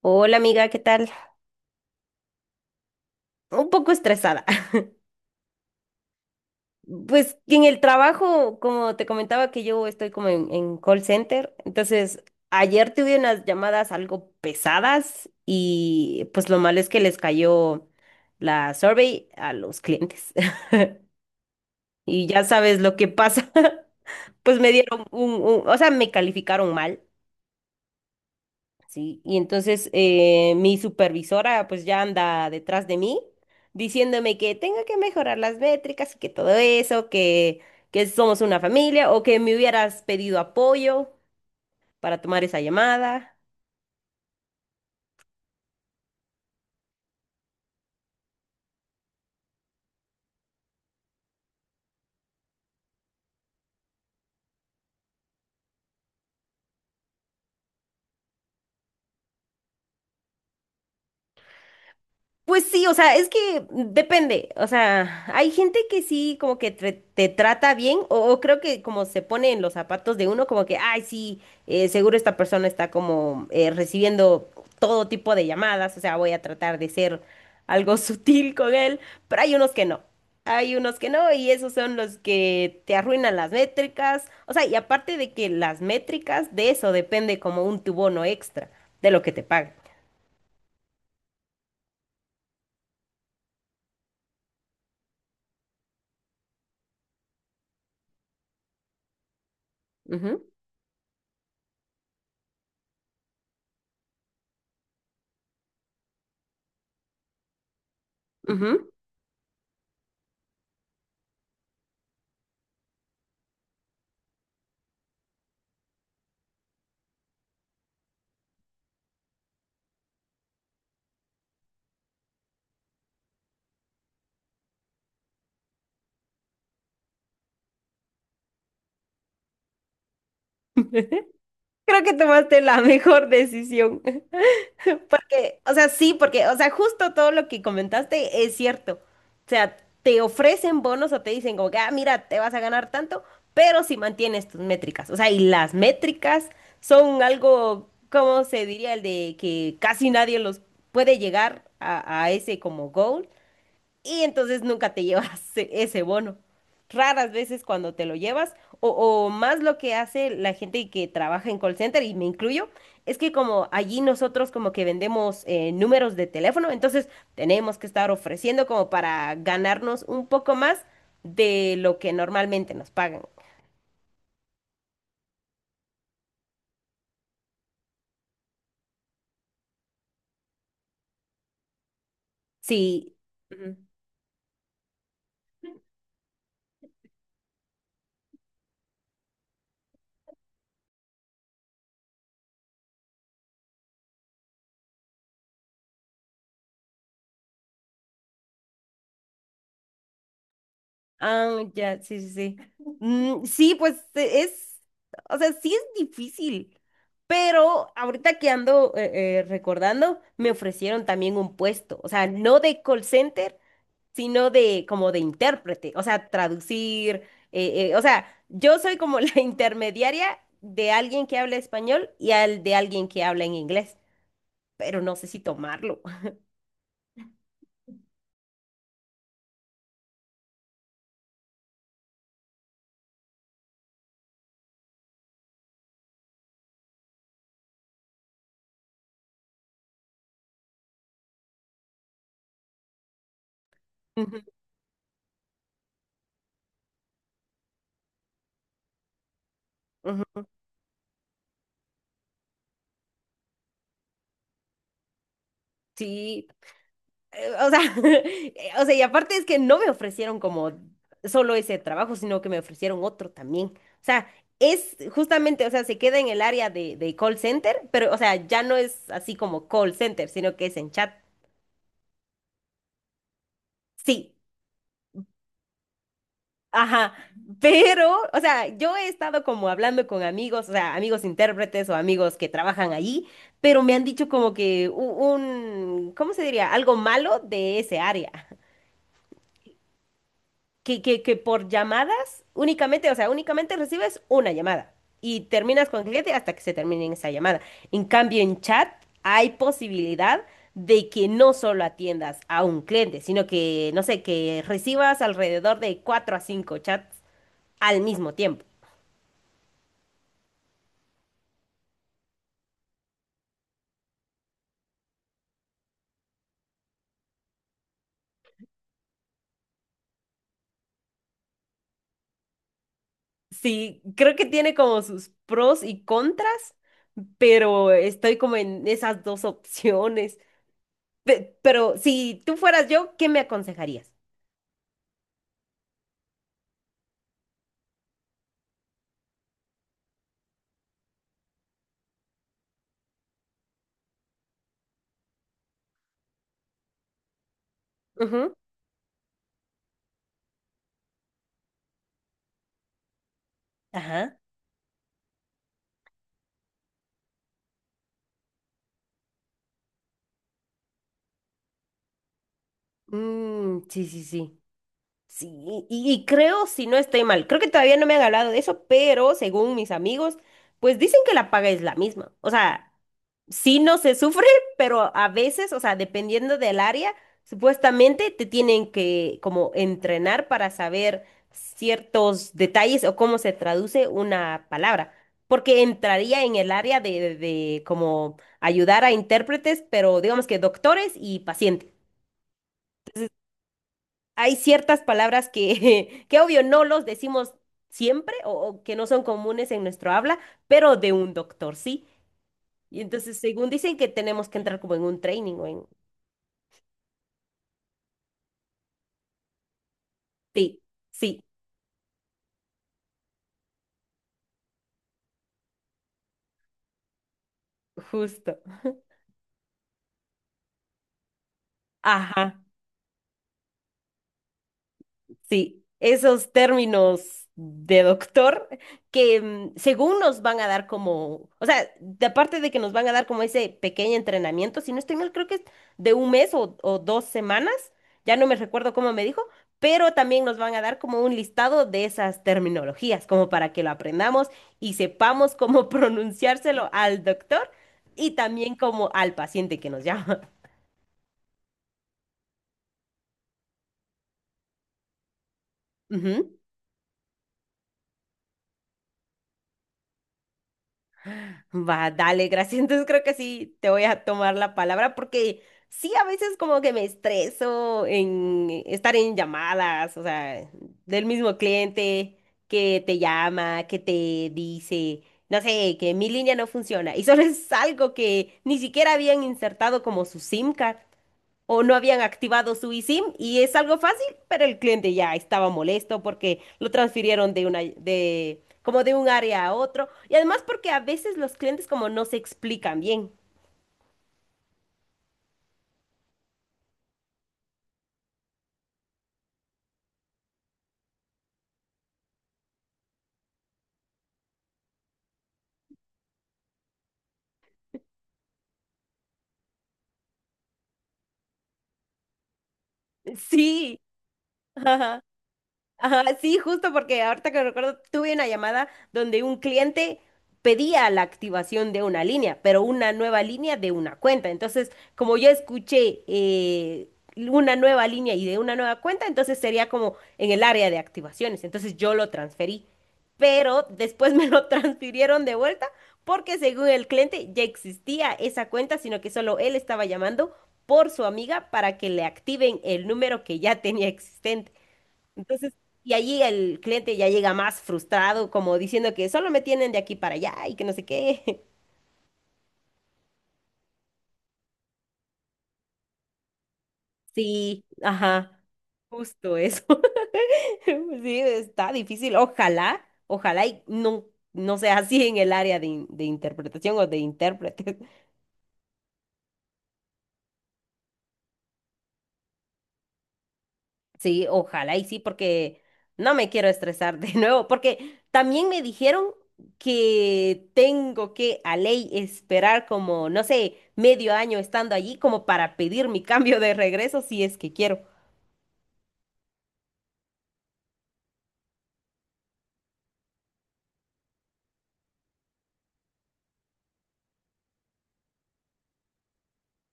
Hola amiga, ¿qué tal? Un poco estresada. Pues en el trabajo, como te comentaba que yo estoy como en call center, entonces ayer tuve unas llamadas algo pesadas y pues lo malo es que les cayó la survey a los clientes. Y ya sabes lo que pasa. Pues me dieron o sea, me calificaron mal. Sí, y entonces mi supervisora pues ya anda detrás de mí diciéndome que tengo que mejorar las métricas y que todo eso, que somos una familia o que me hubieras pedido apoyo para tomar esa llamada. Pues sí, o sea, es que depende, o sea, hay gente que sí como que trata bien o creo que como se pone en los zapatos de uno como que, ay, sí, seguro esta persona está como recibiendo todo tipo de llamadas, o sea, voy a tratar de ser algo sutil con él, pero hay unos que no, hay unos que no y esos son los que te arruinan las métricas, o sea, y aparte de que las métricas de eso depende como un tu bono extra de lo que te pagan. Ujú, ujú. Creo que tomaste la mejor decisión. O sea, sí, porque, o sea, justo todo lo que comentaste es cierto. O sea, te ofrecen bonos o te dicen como que, ah, mira, te vas a ganar tanto, pero si mantienes tus métricas. O sea, y las métricas son algo, ¿cómo se diría? El de que casi nadie los puede llegar a ese como goal, y entonces nunca te llevas ese bono. Raras veces cuando te lo llevas, o más lo que hace la gente que trabaja en call center, y me incluyo, es que como allí nosotros como que vendemos números de teléfono, entonces tenemos que estar ofreciendo como para ganarnos un poco más de lo que normalmente nos pagan. Sí, ujú. Ah, ya, sí, sí, sí. Mm, sí, pues es, o sea, sí es difícil, pero ahorita que ando recordando, me ofrecieron también un puesto, o sea, no de call center, sino de como de intérprete, o sea, traducir, o sea, yo soy como la intermediaria de alguien que habla español y al de alguien que habla en inglés, pero no sé si tomarlo. Ujú, ujú. Sí. O sea, o sea, y aparte es que no me ofrecieron como solo ese trabajo, sino que me ofrecieron otro también. O sea, es justamente, o sea, se queda en el área de call center, pero, o sea, ya no es así como call center, sino que es en chat. Sí. Ajá, pero, o sea, yo he estado como hablando con amigos, o sea, amigos intérpretes o amigos que trabajan allí, pero me han dicho como que ¿cómo se diría? Algo malo de ese área. Que por llamadas únicamente, o sea, únicamente recibes una llamada y terminas con el cliente hasta que se termine esa llamada. En cambio, en chat hay posibilidad de que no solo atiendas a un cliente, sino que, no sé, que recibas alrededor de 4 a 5 chats al mismo tiempo. Sí, creo que tiene como sus pros y contras, pero estoy como en esas dos opciones. Pero si tú fueras yo, ¿qué me aconsejarías? Ujú, ajá. Mm, sí, sí, sí. Sí, y creo, si no estoy mal, creo que todavía no me han hablado de eso, pero según mis amigos, pues dicen que la paga es la misma. O sea, sí no se sufre, pero a veces, o sea, dependiendo del área, supuestamente te tienen que como entrenar para saber ciertos detalles o cómo se traduce una palabra, porque entraría en el área de como ayudar a intérpretes, pero digamos que doctores y pacientes. Hay ciertas palabras que, que obvio no los decimos siempre o que no son comunes en nuestro habla, pero de un doctor sí. Y entonces, según dicen que tenemos que entrar como en un training o en... Sí, sí, justo. Ajá. Sí, esos términos de doctor que mm, según nos van a dar como, o sea, aparte de que nos van a dar como ese pequeño entrenamiento, si no estoy mal, creo que es de un mes o dos semanas, ya no me recuerdo cómo me dijo, pero también nos van a dar como un listado de esas terminologías, como para que lo aprendamos y sepamos cómo pronunciárselo al doctor y también como al paciente que nos llama. Va, dale, gracias. Entonces creo que sí te voy a tomar la palabra porque sí, a veces como que me estreso en estar en llamadas, o sea, del mismo cliente que te llama, que te dice, no sé, que mi línea no funciona y solo es algo que ni siquiera habían insertado como su SIM card o no habían activado su eSIM y es algo fácil, pero el cliente ya estaba molesto porque lo transfirieron de una de como de un área a otro y además porque a veces los clientes como no se explican bien. Sí. Ajá. Ajá, sí, justo porque ahorita que recuerdo, tuve una llamada donde un cliente pedía la activación de una línea, pero una nueva línea de una cuenta. Entonces, como yo escuché una nueva línea y de una nueva cuenta, entonces sería como en el área de activaciones. Entonces yo lo transferí, pero después me lo transfirieron de vuelta porque según el cliente ya existía esa cuenta, sino que solo él estaba llamando por su amiga para que le activen el número que ya tenía existente. Entonces, y allí el cliente ya llega más frustrado, como diciendo que solo me tienen de aquí para allá y que no sé qué. Sí, ajá, justo eso. Sí, está difícil. Ojalá, ojalá y no, no sea así en el área de, de interpretación o de intérprete. Sí, ojalá y sí, porque no me quiero estresar de nuevo, porque también me dijeron que tengo que a ley esperar como, no sé, medio año estando allí como para pedir mi cambio de regreso si es que quiero.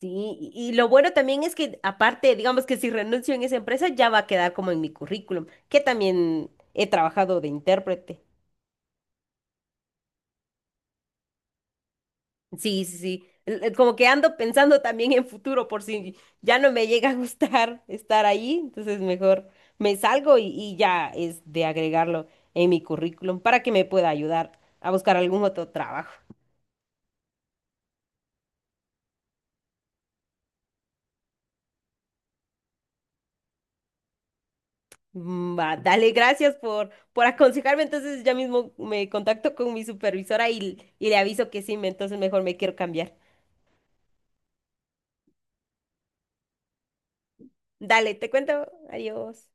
Sí, y lo bueno también es que aparte, digamos que si renuncio en esa empresa ya va a quedar como en mi currículum, que también he trabajado de intérprete. Sí, sí, sí. Como que ando pensando también en futuro por si ya no me llega a gustar estar ahí, entonces mejor me salgo y ya es de agregarlo en mi currículum para que me pueda ayudar a buscar algún otro trabajo. Mm, va, dale, gracias por aconsejarme, entonces ya mismo me contacto con mi supervisora y le aviso que sí, entonces mejor me quiero cambiar. Dale, te cuento, adiós.